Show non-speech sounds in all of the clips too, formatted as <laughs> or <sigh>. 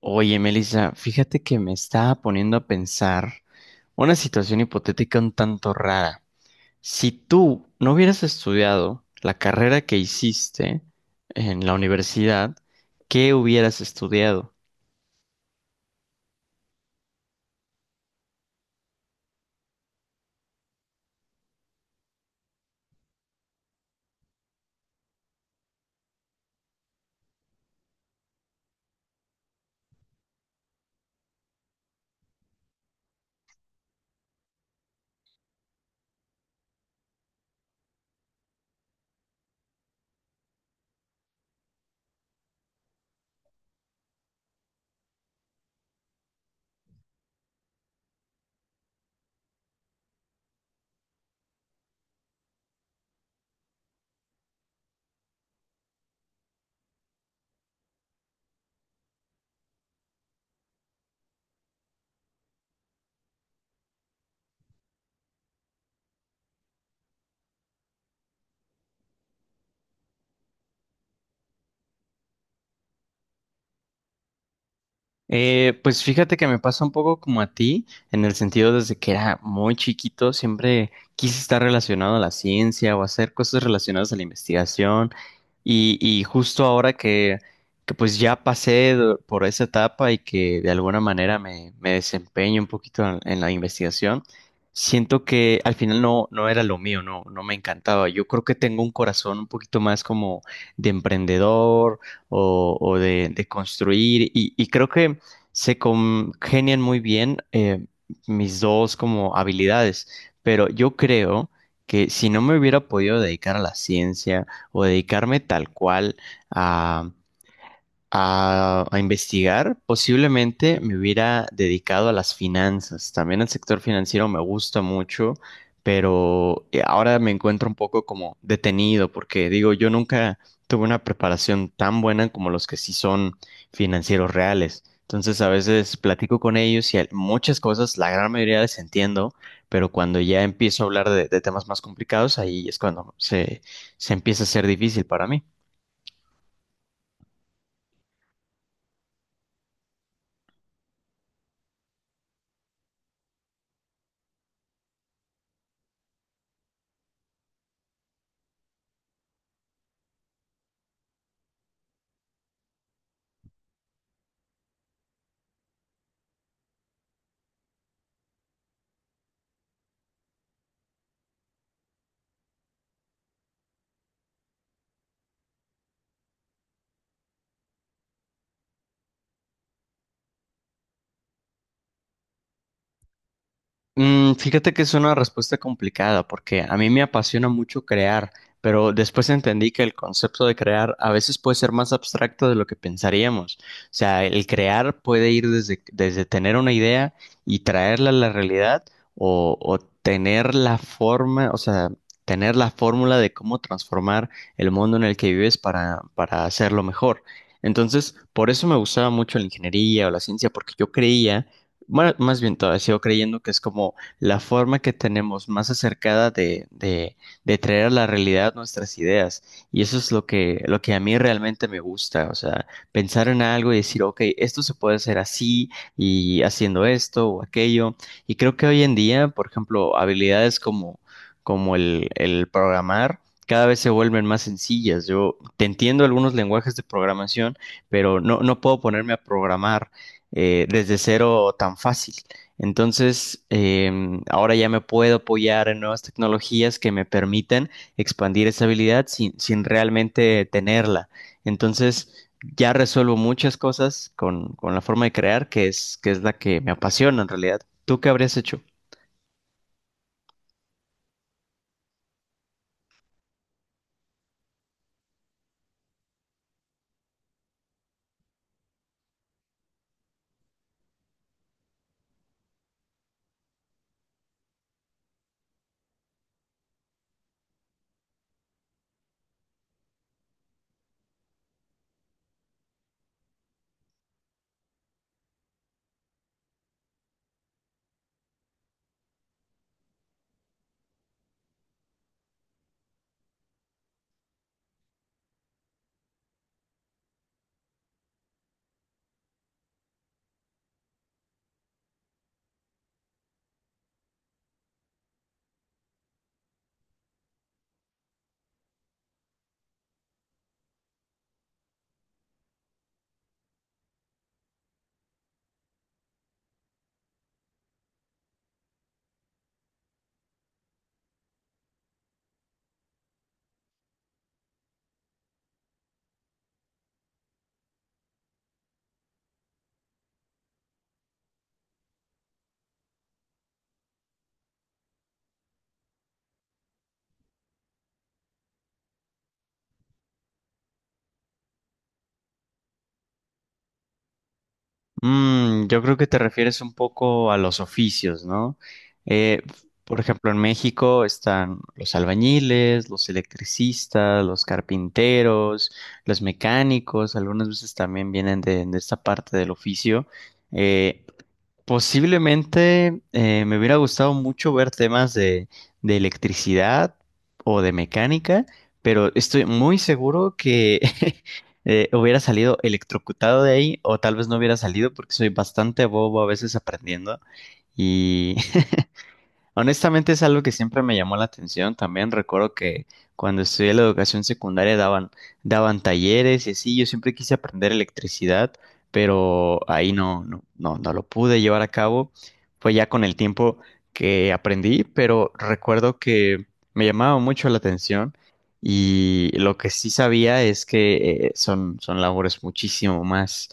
Oye, Melissa, fíjate que me estaba poniendo a pensar una situación hipotética un tanto rara. Si tú no hubieras estudiado la carrera que hiciste en la universidad, ¿qué hubieras estudiado? Pues fíjate que me pasa un poco como a ti, en el sentido desde que era muy chiquito, siempre quise estar relacionado a la ciencia o hacer cosas relacionadas a la investigación. Y justo ahora que pues ya pasé por esa etapa y que de alguna manera me desempeño un poquito en la investigación, siento que al final no era lo mío, no me encantaba. Yo creo que tengo un corazón un poquito más como de emprendedor o de construir. Y creo que se congenian muy bien mis dos como habilidades, pero yo creo que si no me hubiera podido dedicar a la ciencia o dedicarme tal cual a, a investigar, posiblemente me hubiera dedicado a las finanzas. También el sector financiero me gusta mucho, pero ahora me encuentro un poco como detenido porque digo, yo nunca tuve una preparación tan buena como los que sí son financieros reales. Entonces a veces platico con ellos y hay muchas cosas, la gran mayoría les entiendo, pero cuando ya empiezo a hablar de temas más complicados, ahí es cuando se empieza a ser difícil para mí. Mm, fíjate que es una respuesta complicada porque a mí me apasiona mucho crear, pero después entendí que el concepto de crear a veces puede ser más abstracto de lo que pensaríamos. O sea, el crear puede ir desde tener una idea y traerla a la realidad o tener la forma, o sea, tener la fórmula de cómo transformar el mundo en el que vives para hacerlo mejor. Entonces, por eso me gustaba mucho la ingeniería o la ciencia, porque yo creía bueno, más bien todavía sigo creyendo que es como la forma que tenemos más acercada de traer a la realidad nuestras ideas. Y eso es lo que a mí realmente me gusta. O sea, pensar en algo y decir, ok, esto se puede hacer así y haciendo esto o aquello. Y creo que hoy en día, por ejemplo, habilidades como el programar. Cada vez se vuelven más sencillas. Yo te entiendo algunos lenguajes de programación, pero no puedo ponerme a programar desde cero tan fácil. Entonces, ahora ya me puedo apoyar en nuevas tecnologías que me permiten expandir esa habilidad sin realmente tenerla. Entonces, ya resuelvo muchas cosas con la forma de crear, que que es la que me apasiona en realidad. ¿Tú qué habrías hecho? Mm, yo creo que te refieres un poco a los oficios, ¿no? Eh, por ejemplo, en México están los albañiles, los electricistas, los carpinteros, los mecánicos, algunas veces también vienen de esta parte del oficio. Eh, Posiblemente me hubiera gustado mucho ver temas de electricidad o de mecánica, pero estoy muy seguro que <laughs> hubiera salido electrocutado de ahí o tal vez no hubiera salido porque soy bastante bobo a veces aprendiendo y honestamente es algo que siempre me llamó la atención. También recuerdo que cuando estudié la educación secundaria daban talleres y así. Yo siempre quise aprender electricidad, pero ahí no lo pude llevar a cabo. Fue ya con el tiempo que aprendí, pero recuerdo que me llamaba mucho la atención y lo que sí sabía es que son labores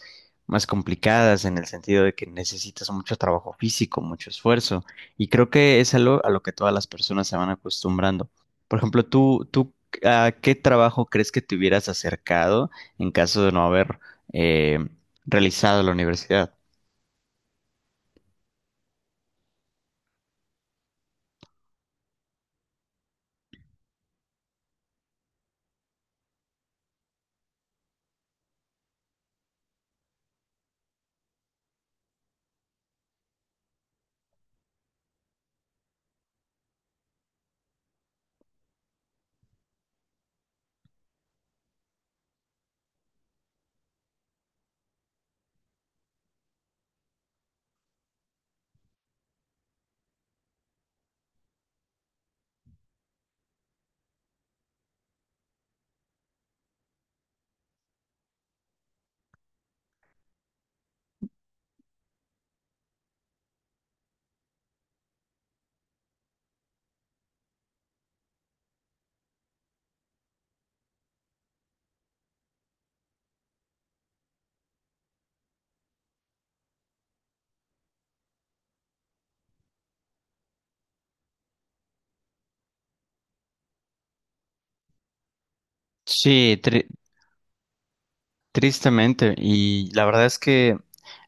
más complicadas en el sentido de que necesitas mucho trabajo físico, mucho esfuerzo. Y creo que es algo a lo que todas las personas se van acostumbrando. Por ejemplo, tú, ¿a qué trabajo crees que te hubieras acercado en caso de no haber eh, realizado la universidad? Sí, tri- Tristemente, y la verdad es que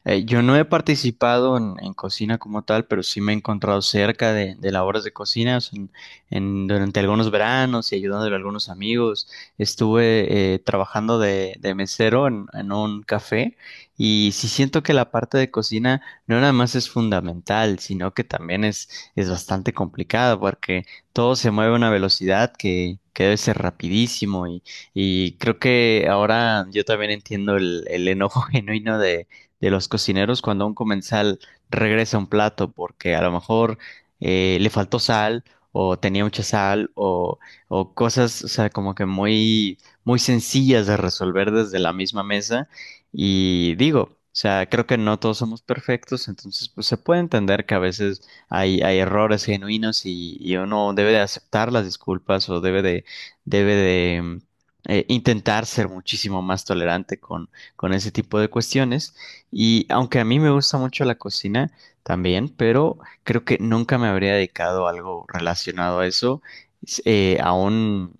yo no he participado en cocina como tal, pero sí me he encontrado cerca de labores de cocina o sea, durante algunos veranos y ayudándole a algunos amigos. Estuve trabajando de mesero en un café y sí siento que la parte de cocina no nada más es fundamental, sino que también es bastante complicada porque todo se mueve a una velocidad que debe ser rapidísimo y creo que ahora yo también entiendo el enojo <laughs> genuino de los cocineros cuando un comensal regresa un plato porque a lo mejor le faltó sal o tenía mucha sal o cosas, o sea, como que muy sencillas de resolver desde la misma mesa. Y digo, o sea, creo que no todos somos perfectos, entonces pues se puede entender que a veces hay errores genuinos y uno debe de aceptar las disculpas o debe de intentar ser muchísimo más tolerante con ese tipo de cuestiones. Y aunque a mí me gusta mucho la cocina también, pero creo que nunca me habría dedicado a algo relacionado a eso, s- eh, aún,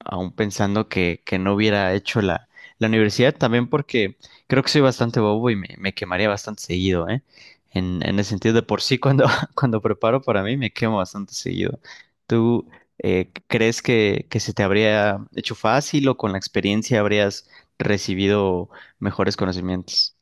aún pensando que no hubiera hecho la universidad, también porque creo que soy bastante bobo y me quemaría bastante seguido, ¿eh? En el sentido de por sí, <laughs> cuando preparo para mí, me quemo bastante seguido. ¿Tú, ¿Crees que se te habría hecho fácil o con la experiencia habrías recibido mejores conocimientos?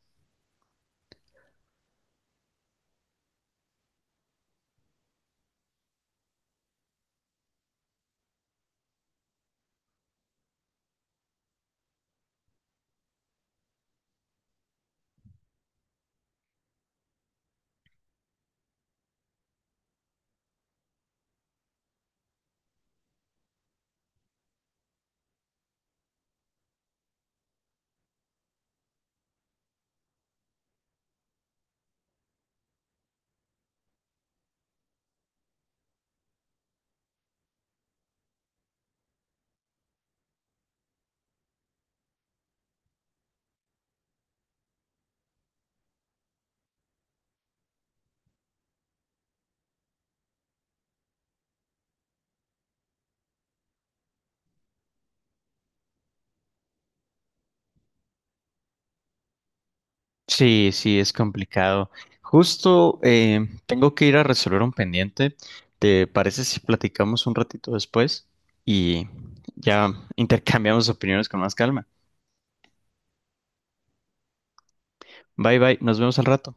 Sí, sí, es complicado. Justo tengo que ir a resolver un pendiente. ¿Te parece si platicamos un ratito después y ya intercambiamos opiniones con más calma? Bye bye, nos vemos al rato.